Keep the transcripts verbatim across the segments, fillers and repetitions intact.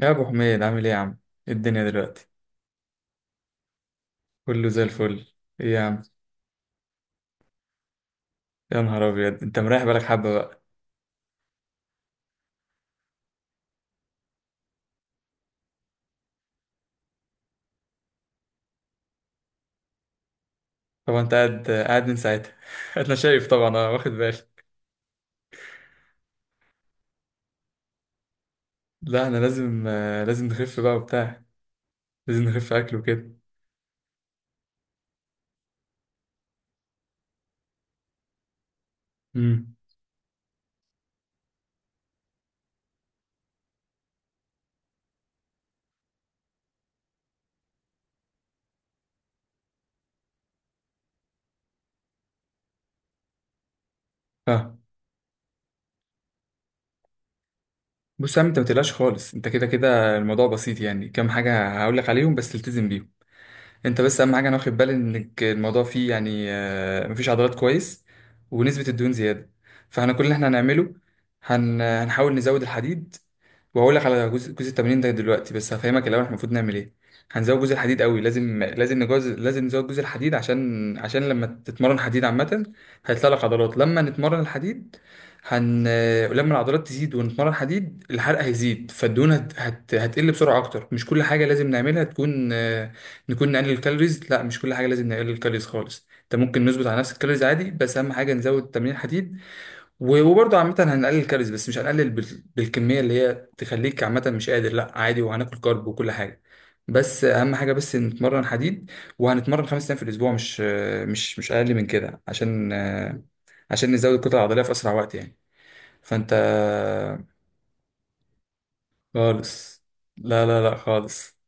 يا ابو حميد، عامل ايه يا عم؟ إيه الدنيا دلوقتي؟ كله زي الفل. ايه يا عم؟ يا نهار ابيض، انت مريح بالك حبه بقى. طبعا انت قاعد قاعد من ساعتها انا شايف، طبعا انا واخد بالي. لا انا لازم، آه، لازم نخف بقى وبتاع. لازم نخف اكل وكده. امم. اه، بص يا عم، انت ما تقلقش خالص. انت كده كده الموضوع بسيط يعني. كام حاجه هقول لك عليهم، بس التزم بيهم. انت بس اهم حاجه انا واخد بالي انك الموضوع فيه يعني، آه، مفيش عضلات كويس ونسبه الدهون زياده. فاحنا كل اللي احنا هنعمله هن... هنحاول نزود الحديد. وهقول لك على جزء جزء التمرين ده دلوقتي، بس هفهمك الاول احنا المفروض نعمل ايه. هنزود جزء الحديد قوي، لازم لازم نجوز، لازم نزود جزء الحديد عشان عشان لما تتمرن حديد عامه هيطلع لك عضلات. لما نتمرن الحديد هن، لما العضلات تزيد ونتمرن حديد الحرق هيزيد، فالدهون هت... هت... هتقل بسرعه اكتر. مش كل حاجه لازم نعملها تكون، آه، نكون نقلل الكالوريز. لا مش كل حاجه لازم نقلل الكالوريز خالص. انت ممكن نظبط على نفس الكالوريز عادي، بس اهم حاجه نزود تمرين حديد. و- وبرضه عامه هنقلل الكالوريز، بس مش هنقلل بال- بالكميه اللي هي تخليك عامه مش قادر. لا عادي، وهناكل كارب وكل حاجه. بس اهم حاجه بس نتمرن حديد. وهنتمرن خمس ايام في الاسبوع، مش مش مش اقل من كده عشان عشان نزود الكتله العضليه في اسرع وقت يعني. فانت. خالص، لا لا لا خالص.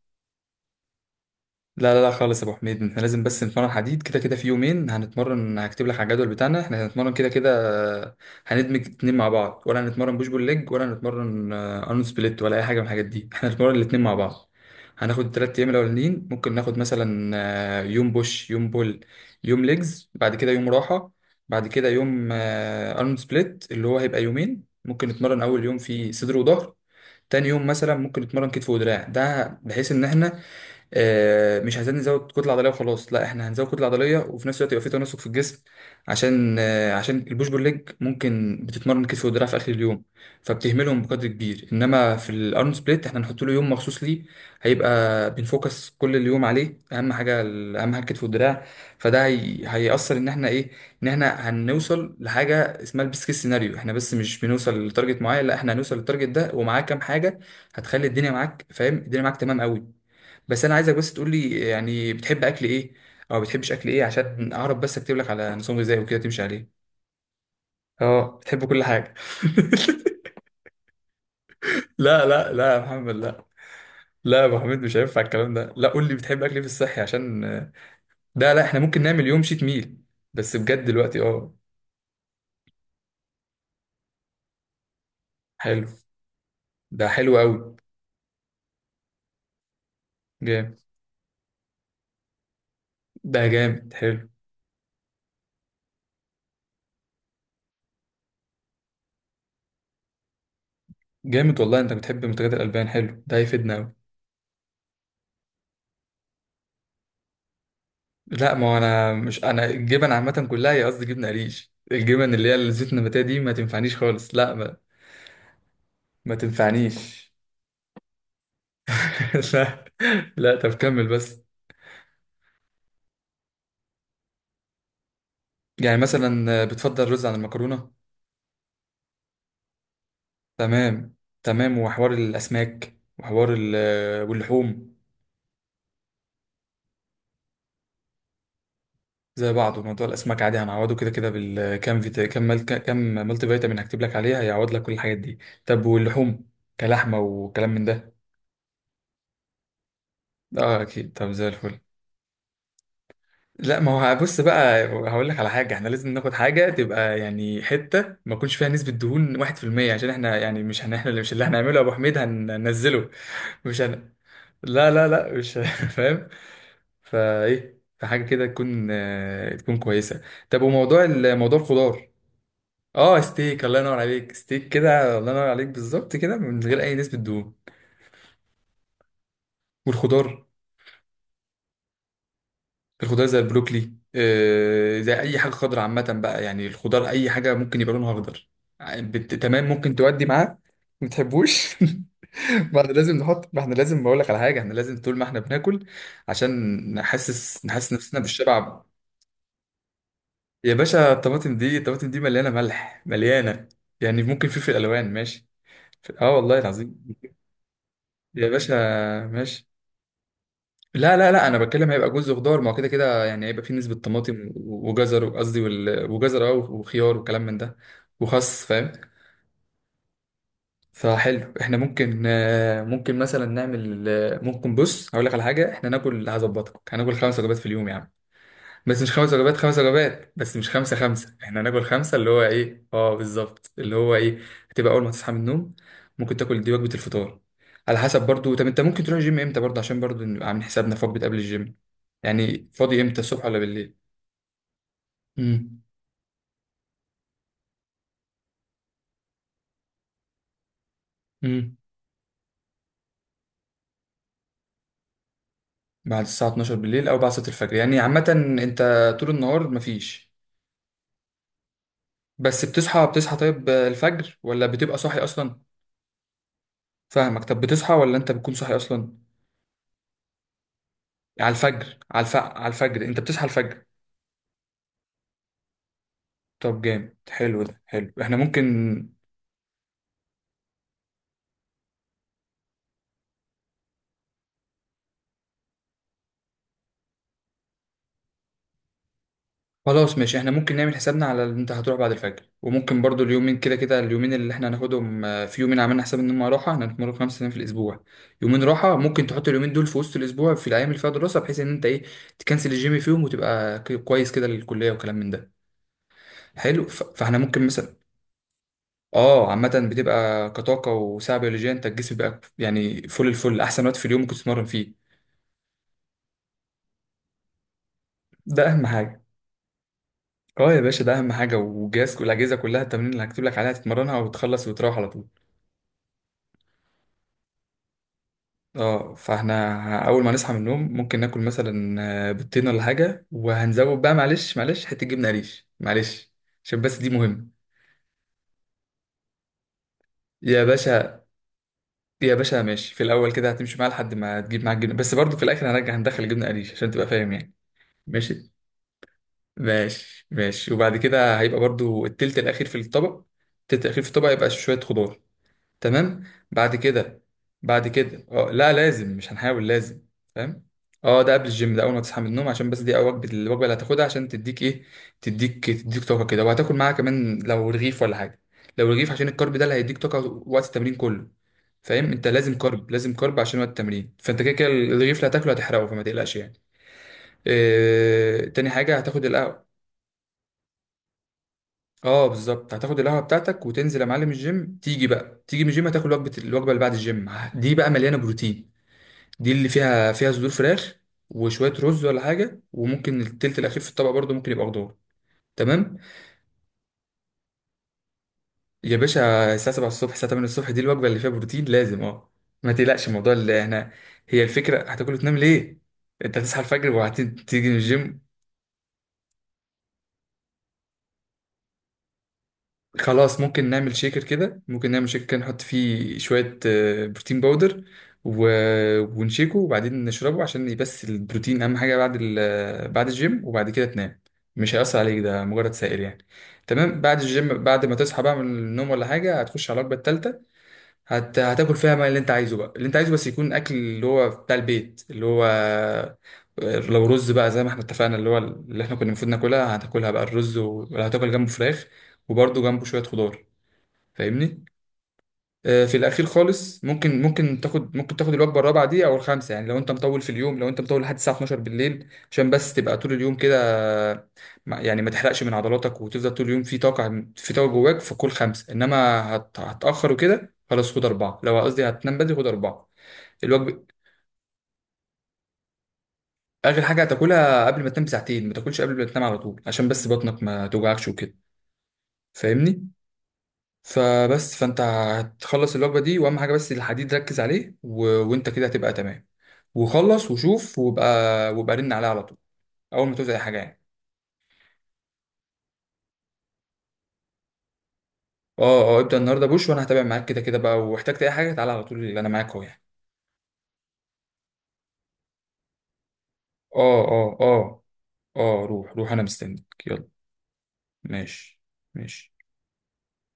لا لا لا خالص يا ابو حميد، احنا لازم بس نتمرن حديد كده كده، في يومين هنتمرن. هكتب لك على الجدول بتاعنا، احنا هنتمرن كده كده. آه، هندمج اتنين مع بعض، ولا هنتمرن بوش بول ليج، ولا هنتمرن آه، ارنولد سبليت، ولا اي حاجه من الحاجات دي؟ احنا هنتمرن الاتنين مع بعض. هناخد التلات ايام الاولانيين، ممكن ناخد مثلا آه، يوم بوش، يوم بول، يوم ليجز، بعد كده يوم راحه، بعد كده يوم آه، ارنولد سبليت اللي هو هيبقى يومين. ممكن نتمرن اول يوم في صدر وظهر، تاني يوم مثلا ممكن نتمرن كتف ودراع، ده بحيث ان احنا آه، مش عايزين نزود كتله عضليه وخلاص. لا احنا هنزود كتله عضليه، وفي نفس الوقت يبقى في تناسق في الجسم، عشان آه، عشان البوش بول ليج ممكن بتتمرن كتف ودراع في اخر اليوم، فبتهملهم بقدر كبير. انما في الارنولد سبليت احنا هنحط له يوم مخصوص ليه، هيبقى بنفوكس كل اليوم عليه، اهم حاجه اهم حاجه الكتف والدراع. فده هي... هيأثر ان احنا ايه، ان احنا هنوصل لحاجه اسمها البيست كيس سيناريو. احنا بس مش بنوصل لتارجت معين، لا احنا هنوصل للتارجت ده ومعاه كام حاجه هتخلي الدنيا معاك. فاهم؟ الدنيا معاك تمام قوي. بس انا عايزك بس تقول لي يعني بتحب اكل ايه او بتحبش اكل ايه، عشان اعرف بس اكتب لك على نظام غذائي وكده تمشي عليه. اه بتحب كل حاجه؟ لا لا لا يا محمد، لا. لا يا ابو حميد مش هينفع الكلام ده. لا، قول لي بتحب اكل ايه في الصحي عشان ده. لا احنا ممكن نعمل يوم شيت ميل، بس بجد دلوقتي اه. حلو، ده حلو قوي. جامد. ده جامد حلو. جامد والله، انت بتحب منتجات الالبان، حلو ده هيفيدنا. لا، ما هو انا مش، انا الجبن عامه كلها، هي قصدي جبنه قريش الجبن اللي هي الزيت النباتيه دي، ما تنفعنيش خالص. لا ما, ما تنفعنيش. لا، لا طب كمل بس. يعني مثلا بتفضل رز عن المكرونه؟ تمام. تمام، وحوار الاسماك وحوار ال- واللحوم؟ زي بعضه، موضوع الاسماك عادي هنعوضه كده كده بالكام فيتا، كام مل... كام ملتي فيتامين هكتب لك عليها هيعوض لك كل الحاجات دي. طب واللحوم، كلحمه وكلام من ده؟ اه اكيد، طب زي الفل. لا ما هو بص بقى، هقول لك على حاجة، احنا لازم ناخد حاجة تبقى يعني حتة ما يكونش فيها نسبة دهون واحد بالمية، عشان احنا يعني مش هن احنا اللي مش اللي هنعمله يا ابو حميد هننزله. مش هن... لا لا لا، مش فاهم. فايه فحاجة كده تكون، آه، تكون كويسة. طب وموضوع ال- موضوع الخضار؟ اه ستيك، الله ينور عليك. ستيك كده، الله ينور عليك بالظبط، كده من غير اي نسبة دهون. والخضار؟ الخضار زي البروكلي، آه، زي اي حاجه خضراء عامه بقى يعني. الخضار اي حاجه ممكن يبقى لونها اخضر بت... تمام، ممكن تودي معاه. ما بتحبوش؟ ما احنا لازم نحط، ما احنا لازم، بقول لك على حاجه، احنا لازم طول ما احنا بناكل عشان نحسس نحس نفسنا بالشبع. يا باشا، الطماطم دي الطماطم دي مليانه ملح، مليانه. يعني ممكن فلفل الوان، ماشي. اه والله العظيم. يا باشا، ماشي. لا لا لا، انا بتكلم هيبقى جزء خضار، ما هو كده كده يعني هيبقى فيه نسبة طماطم وجزر، قصدي وال- وجزر اه، وخيار وكلام من ده. وخس، فاهم. فحلو، احنا ممكن آه، ممكن مثلا نعمل، آه، ممكن بص، هقول لك على حاجة، احنا ناكل، هظبطك هناكل خمس وجبات في اليوم يا عم. بس مش خمس وجبات، خمس وجبات، بس مش خمسة خمسة، احنا هناكل خمسة، اللي هو ايه اه، بالظبط اللي هو ايه. هتبقى اول ما تصحى من النوم، ممكن تاكل دي وجبة الفطار. على حسب برضو، طب انت ممكن تروح الجيم امتى برضو عشان برضو نبقى عاملين حسابنا في وجبة قبل الجيم؟ يعني فاضي امتى، الصبح ولا بالليل؟ امم. امم. بعد الساعة اتناشر بالليل او بعد صلاة الفجر يعني عامة. انت طول النهار مفيش؟ بس بتصحى، بتصحى طيب الفجر ولا بتبقى صاحي اصلا؟ فاهمك. طب بتصحى ولا انت بتكون صاحي اصلا؟ على الفجر، على الف... على الفجر؟ انت بتصحى الفجر؟ طب جامد، حلو ده، حلو، احنا ممكن. خلاص ماشي، احنا ممكن نعمل حسابنا على اللي انت هتروح بعد الفجر. وممكن برضو اليومين كده كده، اليومين اللي احنا هناخدهم، آه، في يومين عملنا حساب ان هم راحة. احنا هنتمرن خمس ايام في الاسبوع، يومين راحة، ممكن تحط اليومين دول في وسط الاسبوع في الايام اللي فيها دراسة، بحيث ان انت ايه، تكنسل الجيم فيهم وتبقى ك- كويس كده للكلية وكلام من ده. حلو، ف- فاحنا ممكن مثلا. اه عامة بتبقى كطاقة وساعة بيولوجية انت، الجسم بيبقى يعني فل الفل، احسن وقت في اليوم ممكن تتمرن فيه. ده اهم حاجة. اه يا باشا، ده اهم حاجه. والجهاز والاجهزه كلها، التمرين اللي هكتب لك عليها تتمرنها وتخلص وتروح على طول. اه فاحنا، ه- اول ما نصحى من النوم ممكن ناكل مثلا آه، بيضتين ولا حاجه. وهنزود بقى، معلش معلش، حته جبنه قريش معلش، عشان بس دي مهمه. يا باشا. يا باشا ماشي، في الاول كده هتمشي معاه لحد ما تجيب معاك جبنه، بس برضه في الاخر هنرجع هندخل جبنه قريش عشان تبقى فاهم يعني. ماشي. ماشي ماشي، وبعد كده هيبقى برضه التلت الاخير في الطبق. التلت الاخير في الطبق يبقى شويه خضار، تمام. بعد كده، بعد كده اه، لا لازم، مش هنحاول، لازم. فاهم؟ اه ده قبل الجيم، ده اول ما تصحى من النوم، عشان بس دي أول وجبه، الوجبه اللي هتاخدها عشان تديك ايه، تديك تديك طاقه كده. وهتاكل معاها كمان لو رغيف ولا حاجه، لو رغيف عشان الكارب ده اللي هيديك طاقه وقت التمرين كله. فاهم؟ انت لازم كارب، لازم كارب عشان وقت التمرين. فانت كده كده الرغيف اللي هتاكله هتحرقه، فما تقلقش يعني. اه... تاني حاجه هتاخد القهوه. اه بالظبط، هتاخد القهوه بتاعتك وتنزل يا معلم الجيم. تيجي بقى، تيجي من الجيم هتاكل وجبه، الوجبه اللي بعد الجيم دي بقى مليانه بروتين. دي اللي فيها، فيها صدور فراخ وشويه رز ولا حاجه، وممكن التلت الاخير في الطبق برضو ممكن يبقى خضار، تمام. يا باشا، الساعه سبعة الصبح، الساعه تمانية الصبح، دي الوجبه اللي فيها بروتين لازم اه. ما تقلقش الموضوع اللي احنا، هي الفكره هتاكل وتنام ليه؟ انت هتصحى الفجر وهتيجي من الجيم. خلاص ممكن نعمل شيكر كده، ممكن نعمل شيكر كده نحط فيه شوية آه، بروتين باودر و... ونشيكه وبعدين نشربه، عشان بس البروتين أهم حاجة بعد ال... بعد الجيم. وبعد كده تنام، مش هيأثر عليك ده مجرد سائل يعني. تمام بعد الجيم، بعد ما تصحى بقى من النوم ولا حاجة، هتخش على الوجبة التالتة. هت... هتاكل فيها ما اللي انت عايزه بقى، اللي انت عايزه بس يكون اكل اللي هو بتاع البيت، اللي هو آه، لو رز بقى زي ما احنا اتفقنا اللي هو اللي احنا كنا المفروض ناكلها هتاكلها بقى الرز، و... ولا هتاكل جنبه فراخ، وبرده جنبه شوية خضار. فاهمني؟ آه، في الاخير خالص ممكن، ممكن تاخد، ممكن تاخد الوجبه الرابعه دي او الخامسه يعني لو انت مطول في اليوم، لو انت مطول لحد الساعه اتناشر بالليل، عشان بس تبقى طول اليوم كده، آه، ما- يعني ما تحرقش من عضلاتك وتفضل طول اليوم في طاقه، في طاقه جواك. فكل خمسه، انما هت- هتاخر وكده خلاص خد اربعه، لو قصدي هتنام بدري خد اربعه. الوجبه، اخر حاجه هتاكلها قبل ما تنام بساعتين، ما تاكلش قبل ما تنام على طول عشان بس بطنك ما توجعكش وكده. فاهمني؟ فبس، فانت هتخلص الوجبه دي، واهم حاجه بس الحديد ركز عليه، و... وانت كده هتبقى تمام. وخلص وشوف وبقى، وبقى رن عليها على طول اول ما توزع اي حاجه يعني. اه اه، ابدا النهارده بوش، وانا هتابع معاك كده كده بقى. واحتجت اي حاجه تعالى على طول، اللي انا معاك اهو يعني. اه اه اه. اه روح، روح، انا مستنيك يلا. ماشي. ماشي.